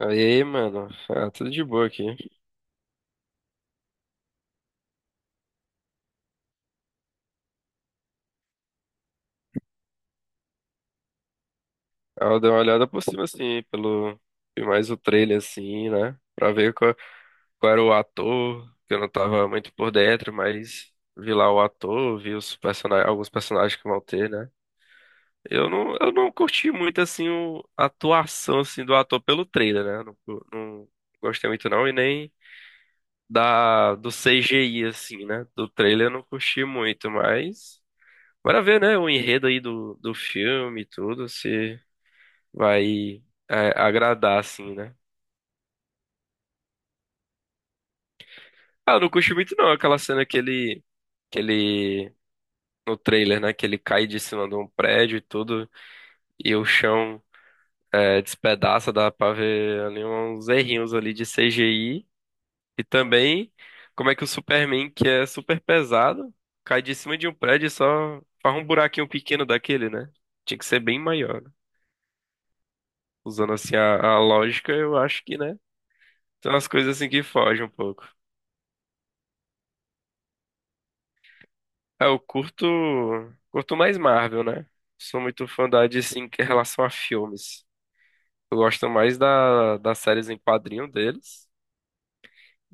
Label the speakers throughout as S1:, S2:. S1: Tudo de boa aqui. Eu dei uma olhada por cima, assim, pelo... Vi mais o trailer, assim, né? Pra ver qual era o ator, que eu não tava muito por dentro, mas vi lá o ator, vi os personagens, alguns personagens que vão ter, né? Eu não curti muito, assim, a atuação, assim, do ator pelo trailer, né? Não gostei muito, não, e nem do CGI, assim, né? Do trailer eu não curti muito, mas... Bora ver, né, o enredo aí do filme e tudo, se vai agradar, assim, né? Ah, eu não curti muito não, aquela cena que ele, no trailer, né, que ele cai de cima de um prédio e tudo, e o chão despedaça. Dá pra ver ali uns errinhos ali de CGI, e também como é que o Superman, que é super pesado, cai de cima de um prédio e só faz um buraquinho pequeno daquele, né? Tinha que ser bem maior, né? Usando assim a lógica, eu acho que, né, são as coisas assim que fogem um pouco. Ah, eu curto, curto mais Marvel, né? Sou muito fã da DC em relação a filmes. Eu gosto mais das séries em quadrinho deles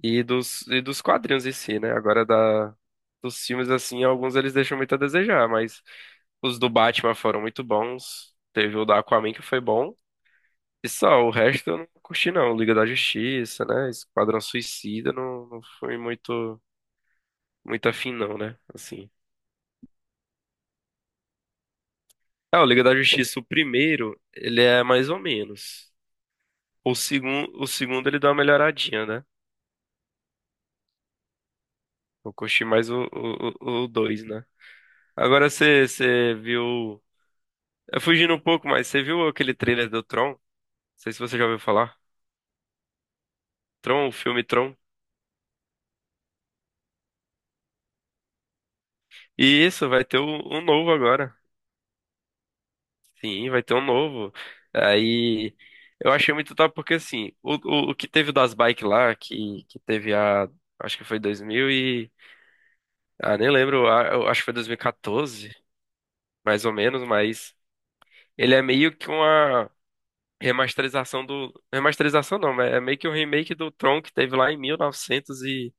S1: e dos quadrinhos em si, né? Agora dos filmes, assim, alguns eles deixam muito a desejar, mas os do Batman foram muito bons. Teve o da Aquaman que foi bom. E só, o resto eu não curti não. Liga da Justiça, né? Esquadrão Suicida não, não foi muito afim não, né? Assim. Ah, o Liga da Justiça, o primeiro, ele é mais ou menos. O segundo ele dá uma melhoradinha, né? Eu curti mais o dois, né? Agora você viu. É fugindo um pouco, mas você viu aquele trailer do Tron? Não sei se você já ouviu falar. Tron, o filme Tron. E isso, vai ter um novo agora. Sim, vai ter um novo. Aí. Eu achei muito top porque, assim, o que teve das bikes lá, que teve a. Acho que foi 2000 e. Ah, nem lembro, a- eu acho que foi 2014, mais ou menos, mas ele é meio que uma remasterização do. Remasterização não, mas é meio que um remake do Tron que teve lá em 1900 e, novecentos e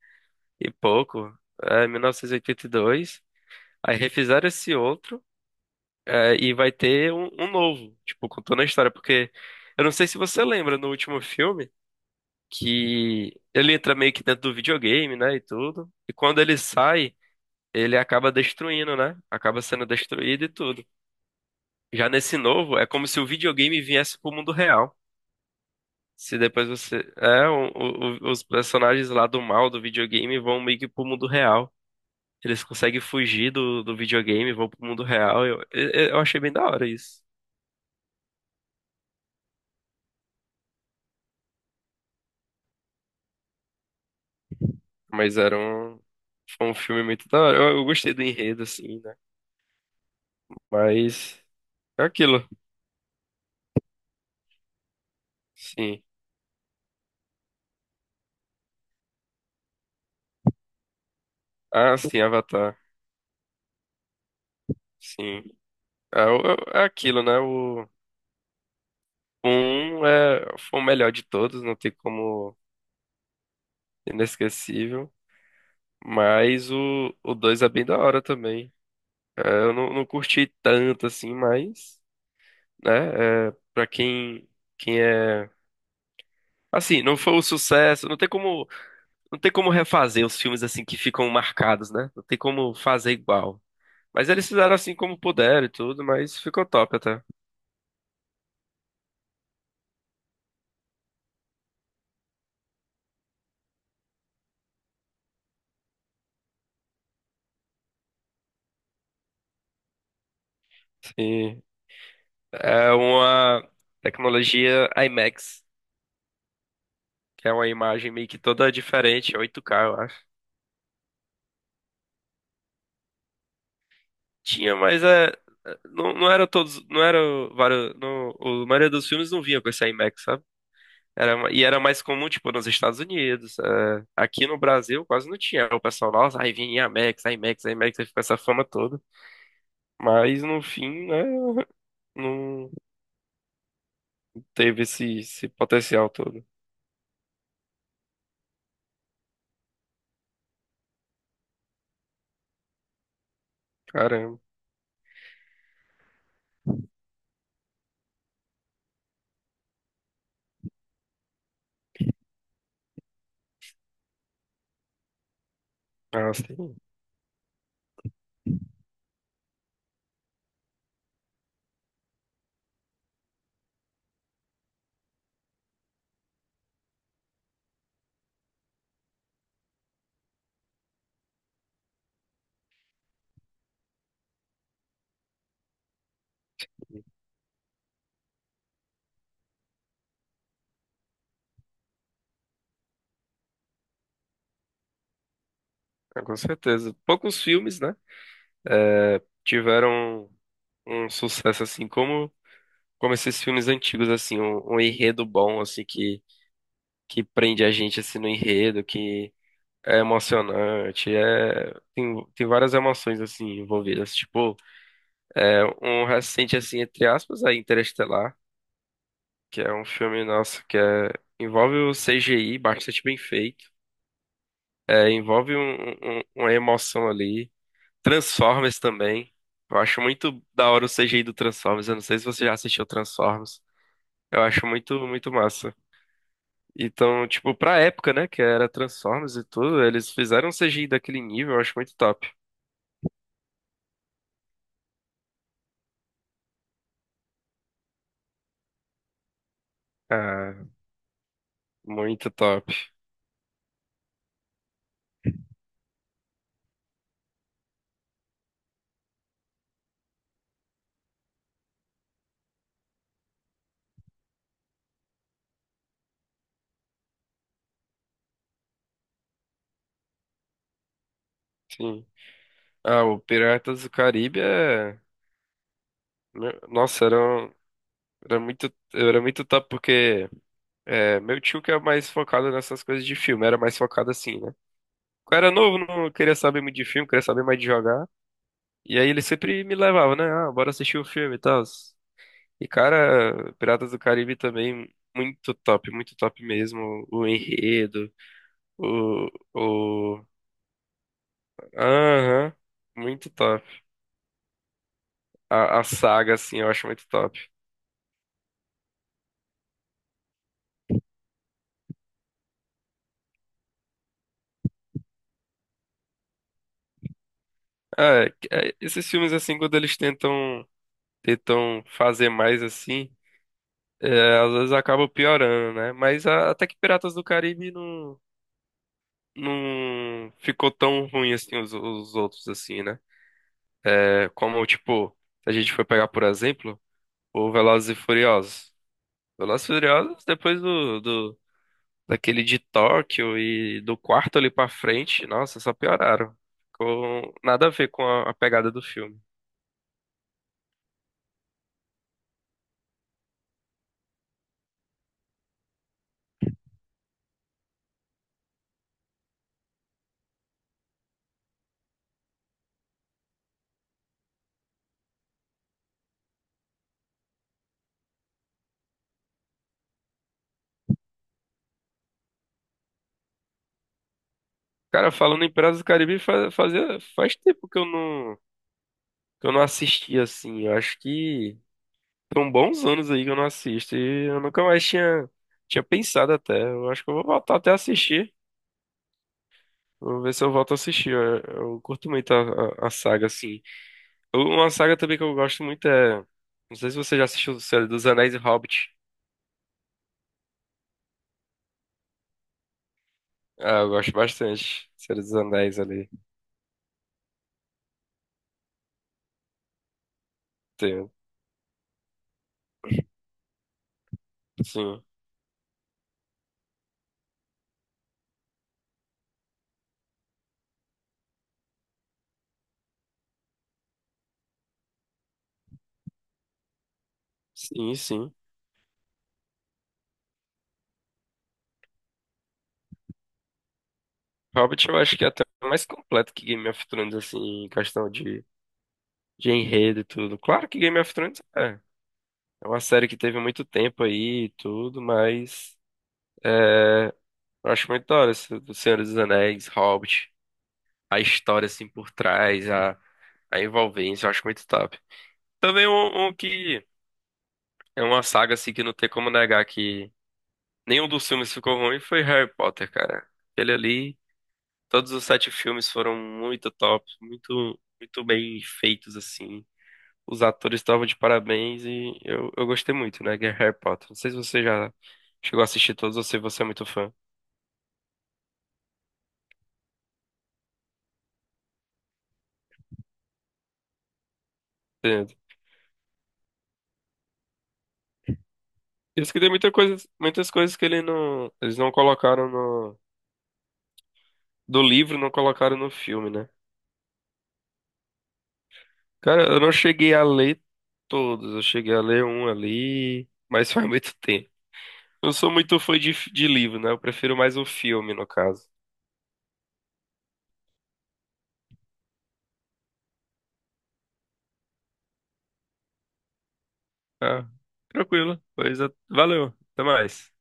S1: e pouco, 1982. Aí refizeram esse outro, e vai ter um novo, tipo, contando a história, porque eu não sei se você lembra no último filme que ele entra meio que dentro do videogame, né, e tudo, e quando ele sai. Ele acaba destruindo, né? Acaba sendo destruído e tudo. Já nesse novo, é como se o videogame viesse pro mundo real. Se depois você. É, os personagens lá do mal do videogame vão meio que pro mundo real. Eles conseguem fugir do videogame, vão pro mundo real. Eu achei bem da hora isso. Mas era um. Foi um filme muito da hora. Eu gostei do enredo, assim, né? Mas. É aquilo. Sim. Ah, sim, Avatar. Sim. É, é é aquilo, né? O. o Um é, foi o melhor de todos, não tem como. Inesquecível. Mas o 2 é bem da hora também. É, eu não curti tanto assim, mas, né, é, pra quem é. Assim, não foi um sucesso, não tem como, não tem como refazer os filmes assim que ficam marcados, né? Não tem como fazer igual. Mas eles fizeram assim como puderam e tudo, mas ficou top até. Sim. É uma tecnologia IMAX, que é uma imagem meio que toda diferente, 8K, eu acho. Tinha, mas é, não, não era todos, não era vários, não, a maioria dos filmes não vinha com esse IMAX, sabe? Era, e era mais comum, tipo, nos Estados Unidos. É, aqui no Brasil quase não tinha. O pessoal, nossa, aí vinha IMAX, IMAX, IMAX, aí ficou essa fama toda. Mas no fim, né, não teve esse potencial todo. Caramba. Nossa, tem- É, com certeza. Poucos filmes, né, tiveram um sucesso assim, como, como esses filmes antigos, assim, um enredo bom, assim, que prende a gente assim no enredo, que é emocionante, é tem várias emoções assim envolvidas, tipo, é um recente assim entre aspas aí Interestelar, que é um filme nosso que envolve o CGI bastante bem feito, é, envolve uma emoção ali. Transformers também. Eu acho muito da hora o CGI do Transformers, eu não sei se você já assistiu Transformers. Eu acho muito muito massa. Então, tipo, pra época, né, que era Transformers e tudo, eles fizeram um CGI daquele nível, eu acho muito top. Ah, muito top. Sim. Ah, o Piratas do Caribe é. Nossa, um- era muito top porque é, meu tio que é mais focado nessas coisas de filme, era mais focado assim, né? Quando eu era novo, não queria saber muito de filme, queria saber mais de jogar. E aí ele sempre me levava, né? Ah, bora assistir o filme e tal. E, cara, Piratas do Caribe também, muito top mesmo. O enredo, o... o... Aham, muito top. A saga, assim, eu acho muito top. Ah, é- É, esses filmes, assim, quando eles tentam, tentam fazer mais, assim, é, às vezes acaba piorando, né? Mas até que Piratas do Caribe não... Não ficou tão ruim assim os outros, assim, né? É, como, tipo, se a gente for pegar por exemplo, o Velozes e Furiosos. O Velozes e Furiosos, depois daquele de Tóquio e do quarto ali pra frente, nossa, só pioraram. Ficou nada a ver com a pegada do filme. Cara, falando em Piratas do Caribe, faz tempo que eu que eu não assisti assim. Eu acho que são bons anos aí que eu não assisto. E eu nunca mais tinha pensado até. Eu acho que eu vou voltar até a assistir. Vou ver se eu volto a assistir. Eu curto muito a saga, assim. Uma saga também que eu gosto muito é. Não sei se você já assistiu Senhor dos Anéis e Hobbit. Ah, eu gosto bastante. Senhor dos Anéis ali. Tem- Sim, sim, sim. Hobbit eu acho que é até mais completo que Game of Thrones, assim, em questão de enredo e tudo. Claro que Game of Thrones é. É uma série que teve muito tempo aí e tudo, mas. É, eu acho muito da hora esse do Senhor dos Anéis, Hobbit. A história, assim, por trás, a envolvência, eu acho muito top. Também um que é uma saga assim que não tem como negar que nenhum dos filmes ficou ruim foi Harry Potter, cara. Aquele ali, todos os 7 filmes foram muito top, muito, muito bem feitos assim. Os atores estavam de parabéns e eu gostei muito, né, que é Harry Potter. Não sei se você já chegou a assistir todos ou se você é muito fã. Entendo. Isso que tem muita coisa, muitas coisas que ele não, eles não colocaram do livro, não colocaram no filme, né? Cara, eu não cheguei a ler todos, eu cheguei a ler um ali, mas faz muito tempo. Eu sou muito fã de livro, né? Eu prefiro mais o filme, no caso. Ah, tranquilo. Pois é, valeu. Até mais.